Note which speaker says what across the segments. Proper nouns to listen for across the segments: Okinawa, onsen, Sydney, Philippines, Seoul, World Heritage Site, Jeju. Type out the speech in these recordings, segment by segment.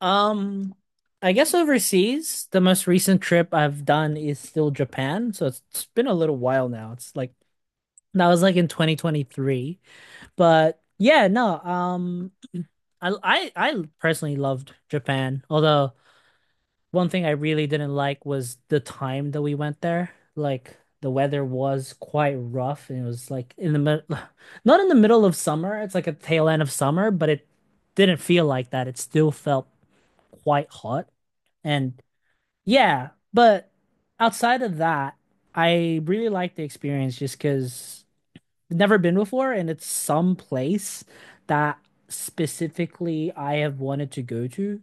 Speaker 1: Um, I guess overseas, the most recent trip I've done is still Japan. So it's been a little while now. It's like that was like in 2023. But yeah, no, I personally loved Japan. Although one thing I really didn't like was the time that we went there. Like the weather was quite rough and it was like in the mid not in the middle of summer. It's like a tail end of summer, but it didn't feel like that. It still felt quite hot. And yeah, but outside of that, I really like the experience just because I've never been before and it's some place that specifically I have wanted to go to.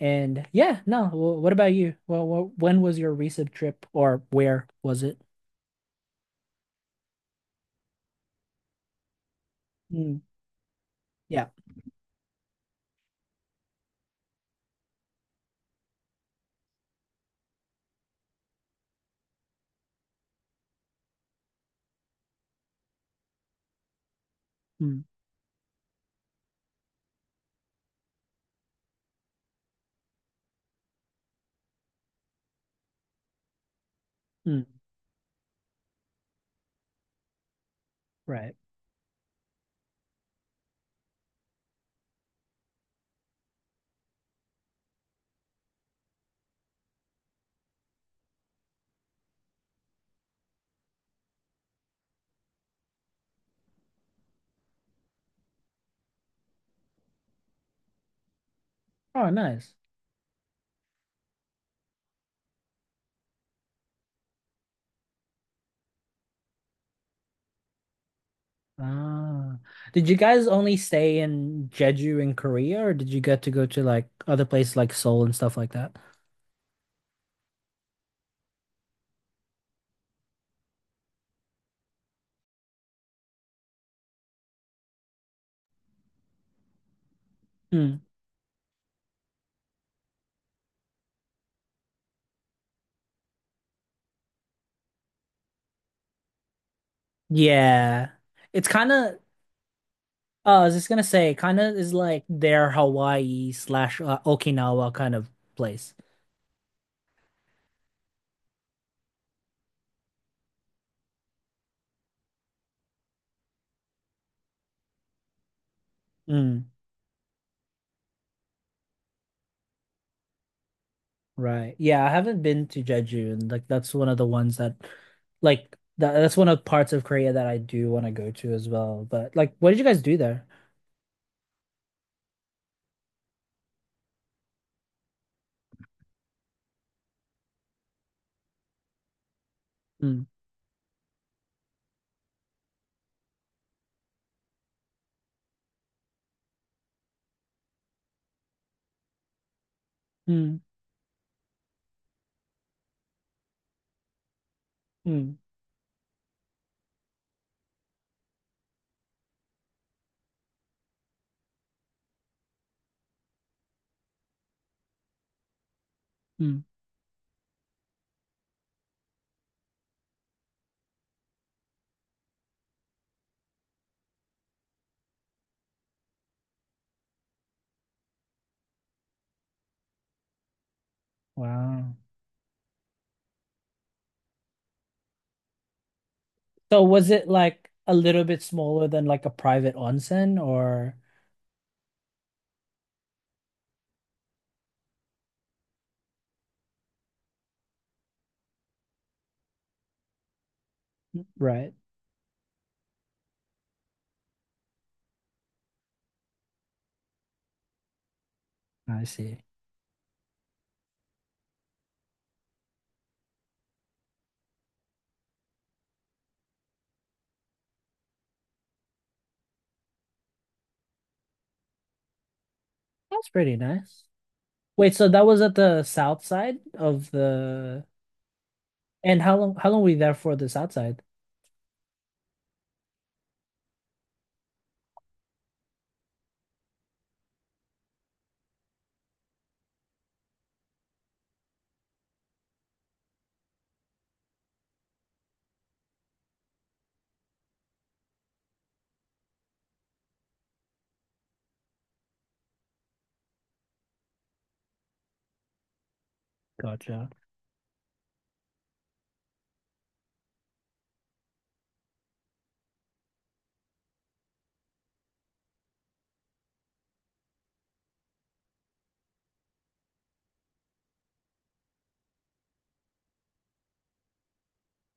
Speaker 1: And yeah, no, what about you? Well, when was your recent trip or where was it? Mm, yeah. Mm, mm, right. Oh, nice. Ah, did you guys only stay in Jeju in Korea or did you get to go to like other places like Seoul and stuff like that? Yeah. It's kind of, I was just gonna say, kind of is like their Hawaii slash Okinawa kind of place. Mm, right. Yeah, I haven't been to Jeju, and like that's one of the ones that, that's one of parts of Korea that I do want to go to as well. But like, what did you guys do there? Mm, mm, mm, mm. Wow. So was it like a little bit smaller than like a private onsen or? Right. I see. That's pretty nice. Wait, so that was at the south side of the. And how long? How long were you there for the south side? Gotcha.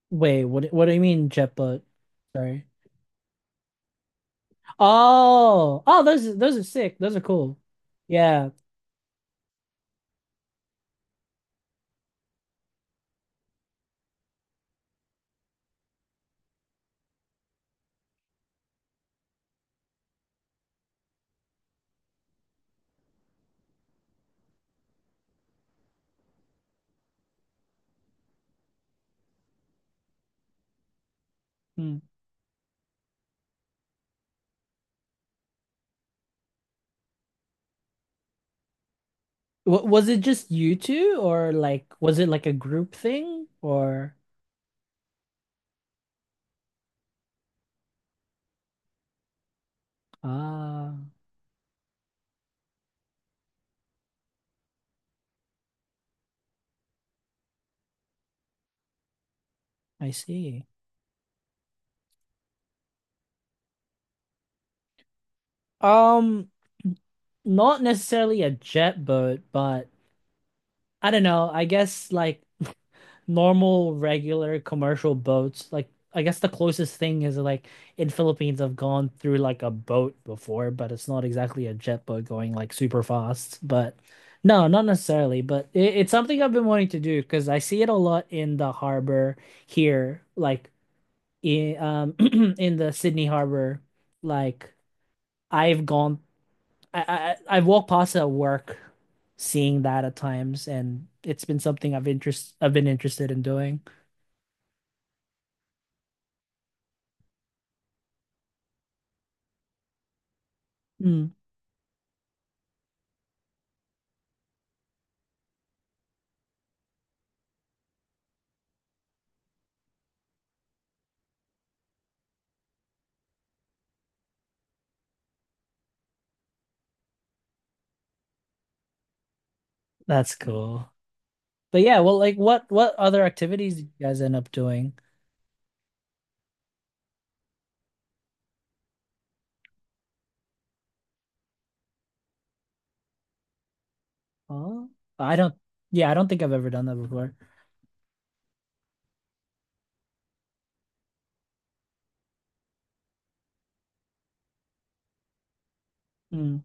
Speaker 1: Wait, what? What do you mean jet boat? Sorry. Oh, oh, those are sick. Those are cool. Yeah. Hmm. W was it just you two, or like was it like a group thing, or ah, I see. Um, not necessarily a jet boat, but I don't know. I guess like normal, regular commercial boats. Like I guess the closest thing is like in Philippines, I've gone through like a boat before, but it's not exactly a jet boat going like super fast. But no, not necessarily. But it's something I've been wanting to do because I see it a lot in the harbor here, like in in the Sydney harbor. Like I've gone, I've walked past it at work, seeing that at times, and it's been something I've been interested in doing. Hmm. That's cool. But yeah, well, like what other activities did you guys end up doing? Oh, I don't. Yeah, I don't think I've ever done that before. Mm.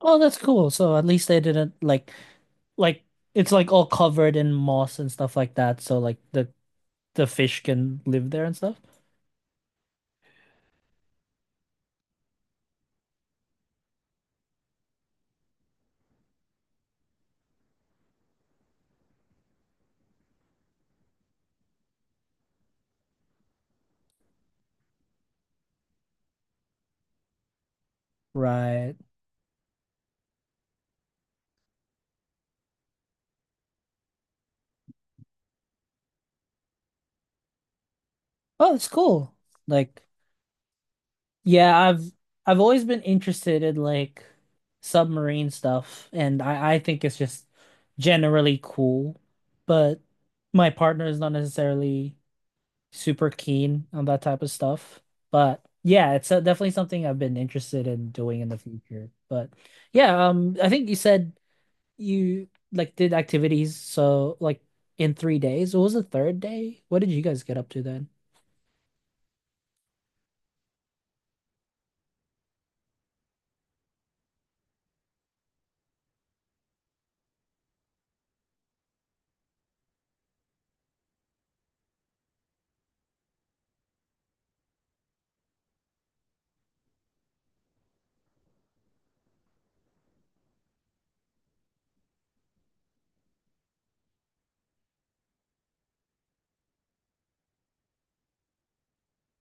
Speaker 1: Oh, that's cool. So at least they didn't like it's like all covered in moss and stuff like that. So like the fish can live there and stuff. Right. Oh, that's cool. Like yeah, I've always been interested in like submarine stuff, and I think it's just generally cool, but my partner is not necessarily super keen on that type of stuff. But yeah, it's definitely something I've been interested in doing in the future. But yeah, I think you said you like did activities so like in 3 days. What was the third day? What did you guys get up to then?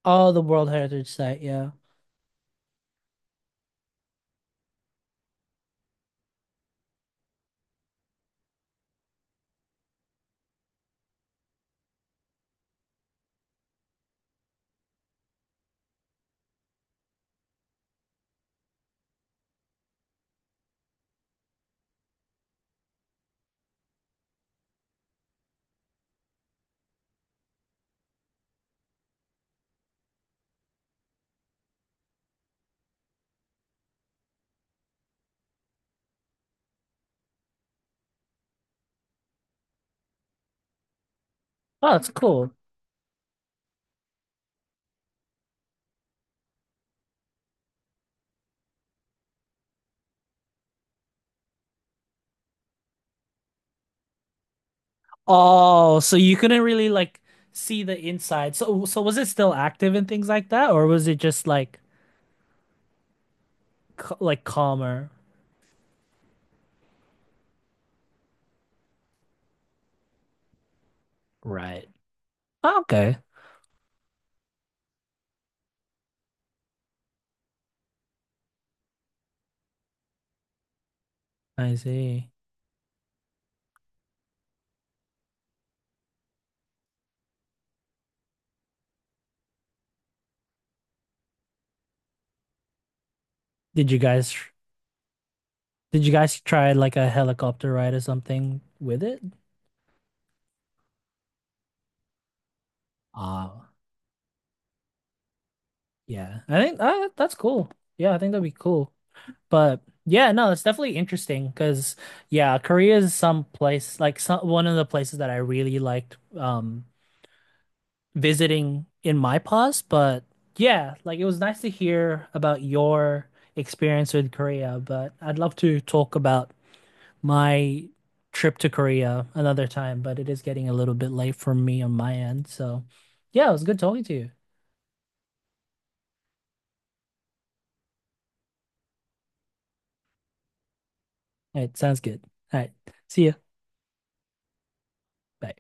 Speaker 1: Oh, the World Heritage Site, yeah. Oh, that's cool. Oh, so you couldn't really like see the inside. So was it still active and things like that, or was it just like c like calmer? Right. Oh, okay. I see. Did you guys did you guys try like a helicopter ride or something with it? Uh yeah. I think that's cool. Yeah, I think that'd be cool. But yeah, no, it's definitely interesting because yeah, Korea is some place like some one of the places that I really liked visiting in my past, but yeah, like it was nice to hear about your experience with Korea, but I'd love to talk about my trip to Korea another time, but it is getting a little bit late for me on my end. So, yeah, it was good talking to you. All right, sounds good. All right, see ya. Bye.